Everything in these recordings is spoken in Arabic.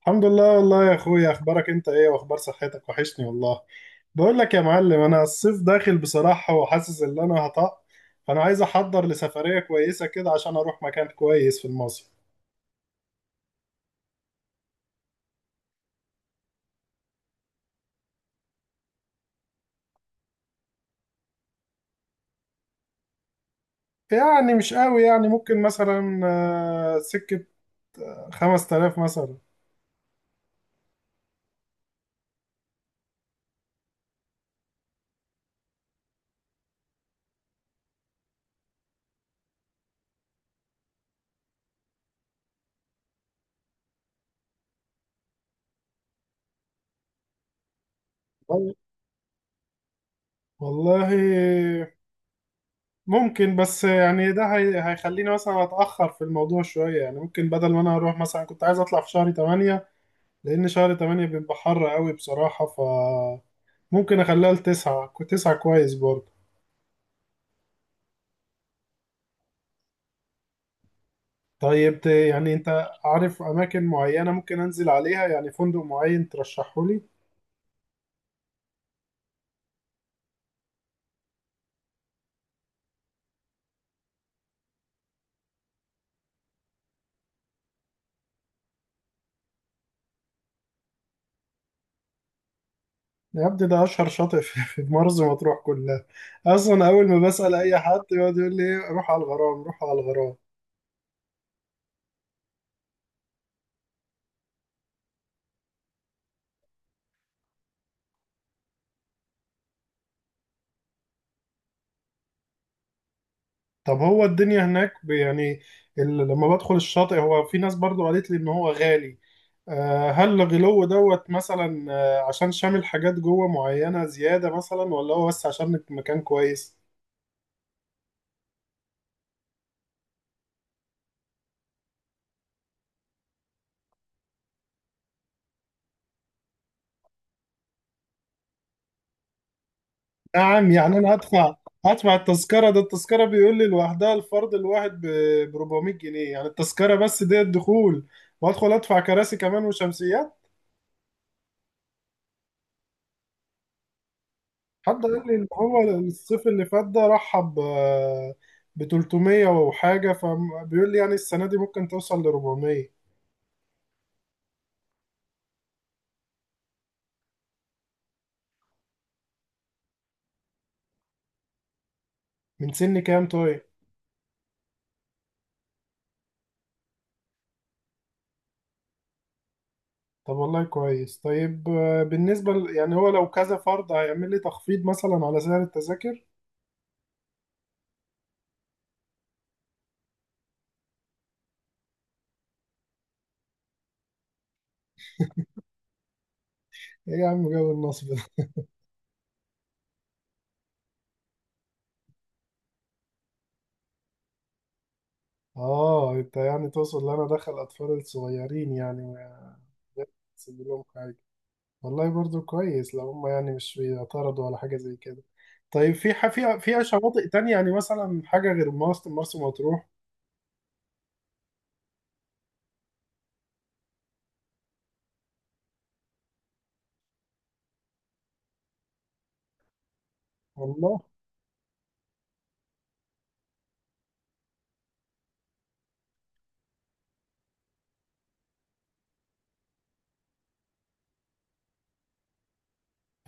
الحمد لله والله يا اخويا، اخبارك انت ايه واخبار صحتك؟ وحشني والله. بقول لك يا معلم، انا الصيف داخل بصراحة وحاسس ان انا هطق، فانا عايز احضر لسفرية كويسة كده عشان اروح مكان كويس في المصيف. يعني مش قوي، يعني ممكن مثلا سكة 5000 مثلا. وال- والله ممكن، بس يعني ده هيخليني مثلا اتأخر في الموضوع شوية. يعني ممكن بدل ما انا اروح مثلا، كنت عايز اطلع في شهر 8، لان شهر 8 بيبقى حر قوي بصراحة. ف ممكن اخليها لتسعة تسعة كويس برضه. طيب يعني انت عارف اماكن معينة ممكن انزل عليها؟ يعني فندق معين ترشحه لي. يا ابني ده اشهر شاطئ في مرسى مطروح كلها. اصلا اول ما بسأل اي حد يقعد يقول لي روح على الغرام، روح على الغرام. طب هو الدنيا هناك يعني لما بدخل الشاطئ، هو في ناس برضو قالت لي ان هو غالي. هل الغلو دوت مثلا عشان شامل حاجات جوه معينة زيادة مثلا، ولا هو بس عشان مكان كويس؟ يا عم يعني انا هدفع، هدفع التذكره. ده التذكره بيقول لي لوحدها، الفرد الواحد ب 400 جنيه، يعني التذكره بس دي الدخول، وادخل ادفع كراسي كمان وشمسيات. حد قال لي ان هو الصيف اللي فات ده رحب ب 300 وحاجه، فبيقول لي يعني السنه دي ممكن توصل ل 400. من سن كام طيب؟ طب والله كويس. طيب بالنسبه يعني هو لو كذا فرد هيعمل لي تخفيض مثلا على سعر التذاكر؟ ايه يا عم جو النصب؟ اه انت يعني تقصد ان انا دخل اطفال الصغيرين يعني. ما اسيب لهم حاجه، والله برضو كويس لو هم يعني مش بيعترضوا على حاجه زي كده. طيب في في فيها شواطئ تانية يعني، مثلا حاجه غير مرسى مطروح؟ والله.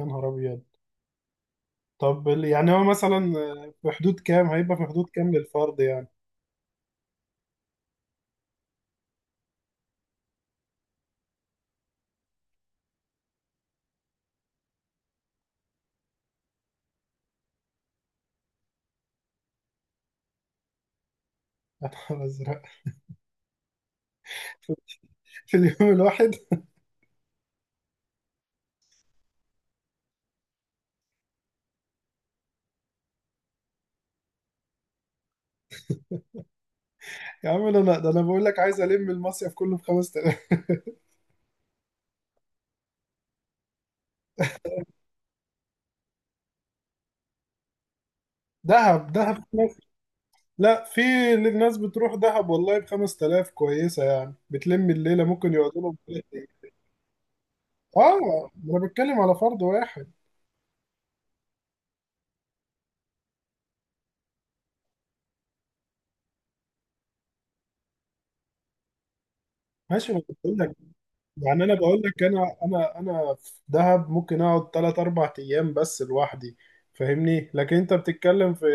يا نهار ابيض. طب يعني هو مثلا في حدود كام هيبقى، في حدود كام للفرد يعني؟ يا نهار ازرق في اليوم الواحد؟ يا عم انا لا، ده انا بقول لك عايز الم المصيف كله في 5000. دهب، دهب. لا في ناس بتروح دهب والله ب 5000 كويسة، يعني بتلم الليلة، ممكن يقعدوا لهم ثلاث أيام. اه انا بتكلم على فرد واحد. ماشي، ما أنا بقول لك. يعني انا بقول لك، انا في دهب ممكن اقعد 3 4 ايام بس لوحدي، فاهمني. لكن انت بتتكلم في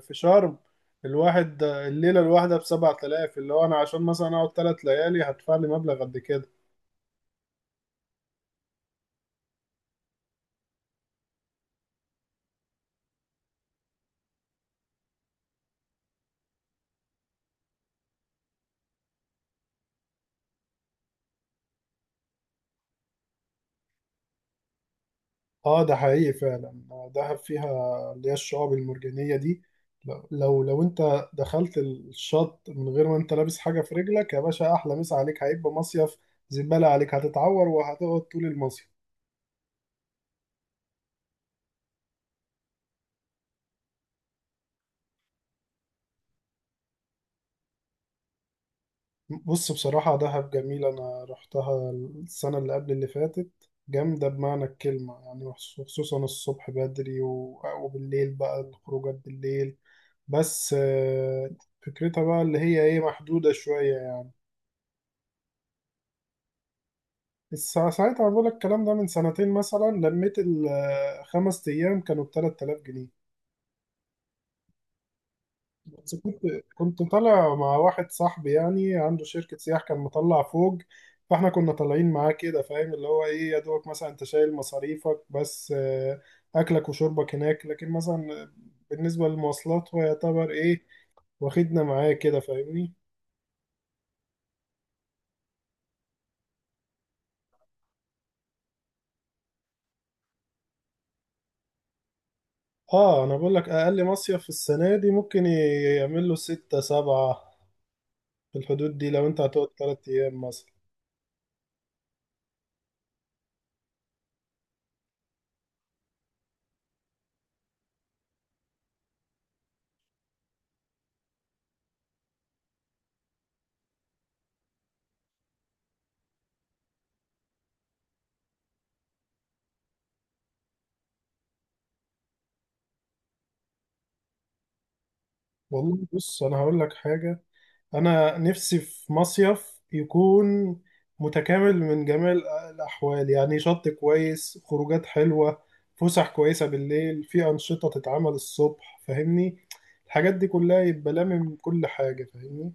في شرم، الواحد الليلة الواحدة ب 7000، اللي هو انا عشان مثلا اقعد 3 ليالي هدفع لي مبلغ قد كده. اه ده حقيقي فعلا. دهب فيها اللي هي الشعاب المرجانية دي، لو انت دخلت الشط من غير ما انت لابس حاجة في رجلك، يا باشا احلى مسا عليك، هيبقى مصيف زبالة عليك، هتتعور وهتقعد طول المصيف. بص بصراحة دهب جميلة، انا رحتها السنة اللي قبل اللي فاتت. جامدة بمعنى الكلمة يعني، وخصوصا الصبح بدري وبالليل بقى الخروجات بالليل. بس فكرتها بقى اللي هي ايه محدودة شوية يعني. بس ساعتها بقول لك الكلام ده من سنتين مثلا، لميت الخمس أيام كانوا ب 3000 جنيه. بس كنت طالع مع واحد صاحبي، يعني عنده شركة سياح، كان مطلع فوق، فاحنا كنا طالعين معاه كده، فاهم؟ اللي هو ايه يا دوبك مثلا انت شايل مصاريفك بس. أكلك وشربك هناك، لكن مثلا بالنسبة للمواصلات هو يعتبر ايه، واخدنا معاه كده، فاهمني. اه انا بقول لك، اقل مصيف في السنة دي ممكن يعمل له ستة سبعة، في الحدود دي لو انت هتقعد تلات ايام مثلا. والله بص، انا هقول لك حاجة. انا نفسي في مصيف يكون متكامل من جميع الاحوال، يعني شط كويس، خروجات حلوة، فسح كويسة بالليل، في انشطة تتعمل الصبح، فاهمني؟ الحاجات دي كلها يبقى لامم كل حاجة، فاهمني.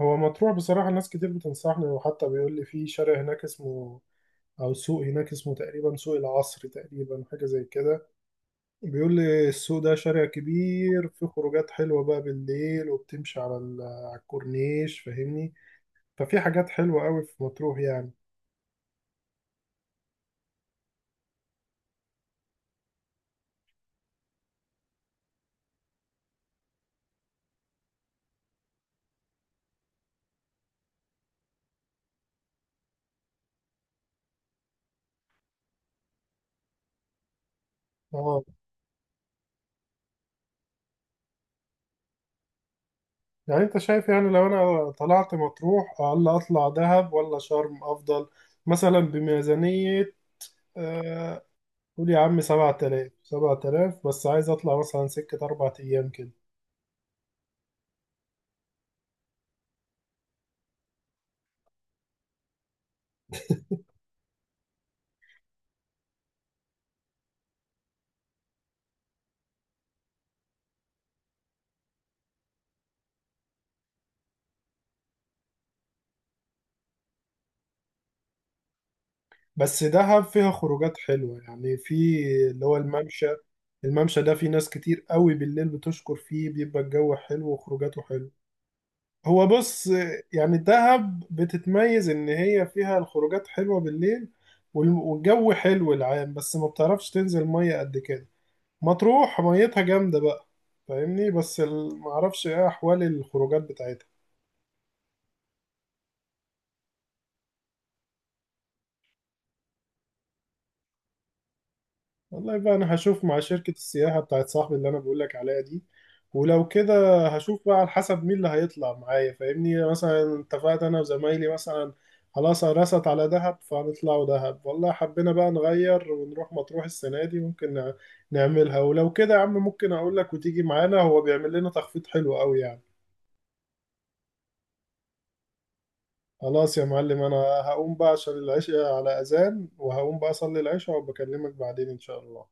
هو مطروح بصراحة ناس كتير بتنصحني، وحتى بيقول لي في شارع هناك اسمه او سوق هناك اسمه تقريبا سوق العصر تقريبا، حاجة زي كده. بيقول لي السوق ده شارع كبير، في خروجات حلوة بقى بالليل، وبتمشي على على الكورنيش، فاهمني؟ ففي حاجات حلوة قوي في مطروح يعني. اه. يعني انت شايف يعني لو انا طلعت مطروح، ولا اطلع دهب، ولا شرم افضل مثلا بميزانية آه، قول يا عم سبعة آلاف؟ سبعة آلاف بس، عايز اطلع مثلا سكة أربع أيام كده. بس دهب فيها خروجات حلوة يعني، في اللي هو الممشى ده في ناس كتير قوي بالليل بتشكر فيه، بيبقى الجو حلو وخروجاته حلو. هو بص، يعني دهب بتتميز إن هي فيها الخروجات حلوة بالليل والجو حلو العام، بس ما بتعرفش تنزل مية قد كده. مطروح ميتها جامدة بقى، فاهمني. بس معرفش ايه أحوال الخروجات بتاعتها. والله بقى انا هشوف مع شركة السياحة بتاعت صاحبي اللي انا بقولك عليها دي، ولو كده هشوف بقى على حسب مين اللي هيطلع معايا، فاهمني؟ مثلا اتفقت انا وزمايلي مثلا خلاص رست على دهب، فهنطلعوا دهب. والله حبينا بقى نغير ونروح مطروح السنة دي، ممكن نعملها. ولو كده يا عم ممكن اقولك وتيجي معانا، هو بيعمل لنا تخفيض حلو قوي يعني. خلاص يا معلم، انا هقوم بقى عشان العشاء على اذان، وهقوم بقى اصلي العشاء وبكلمك بعدين ان شاء الله.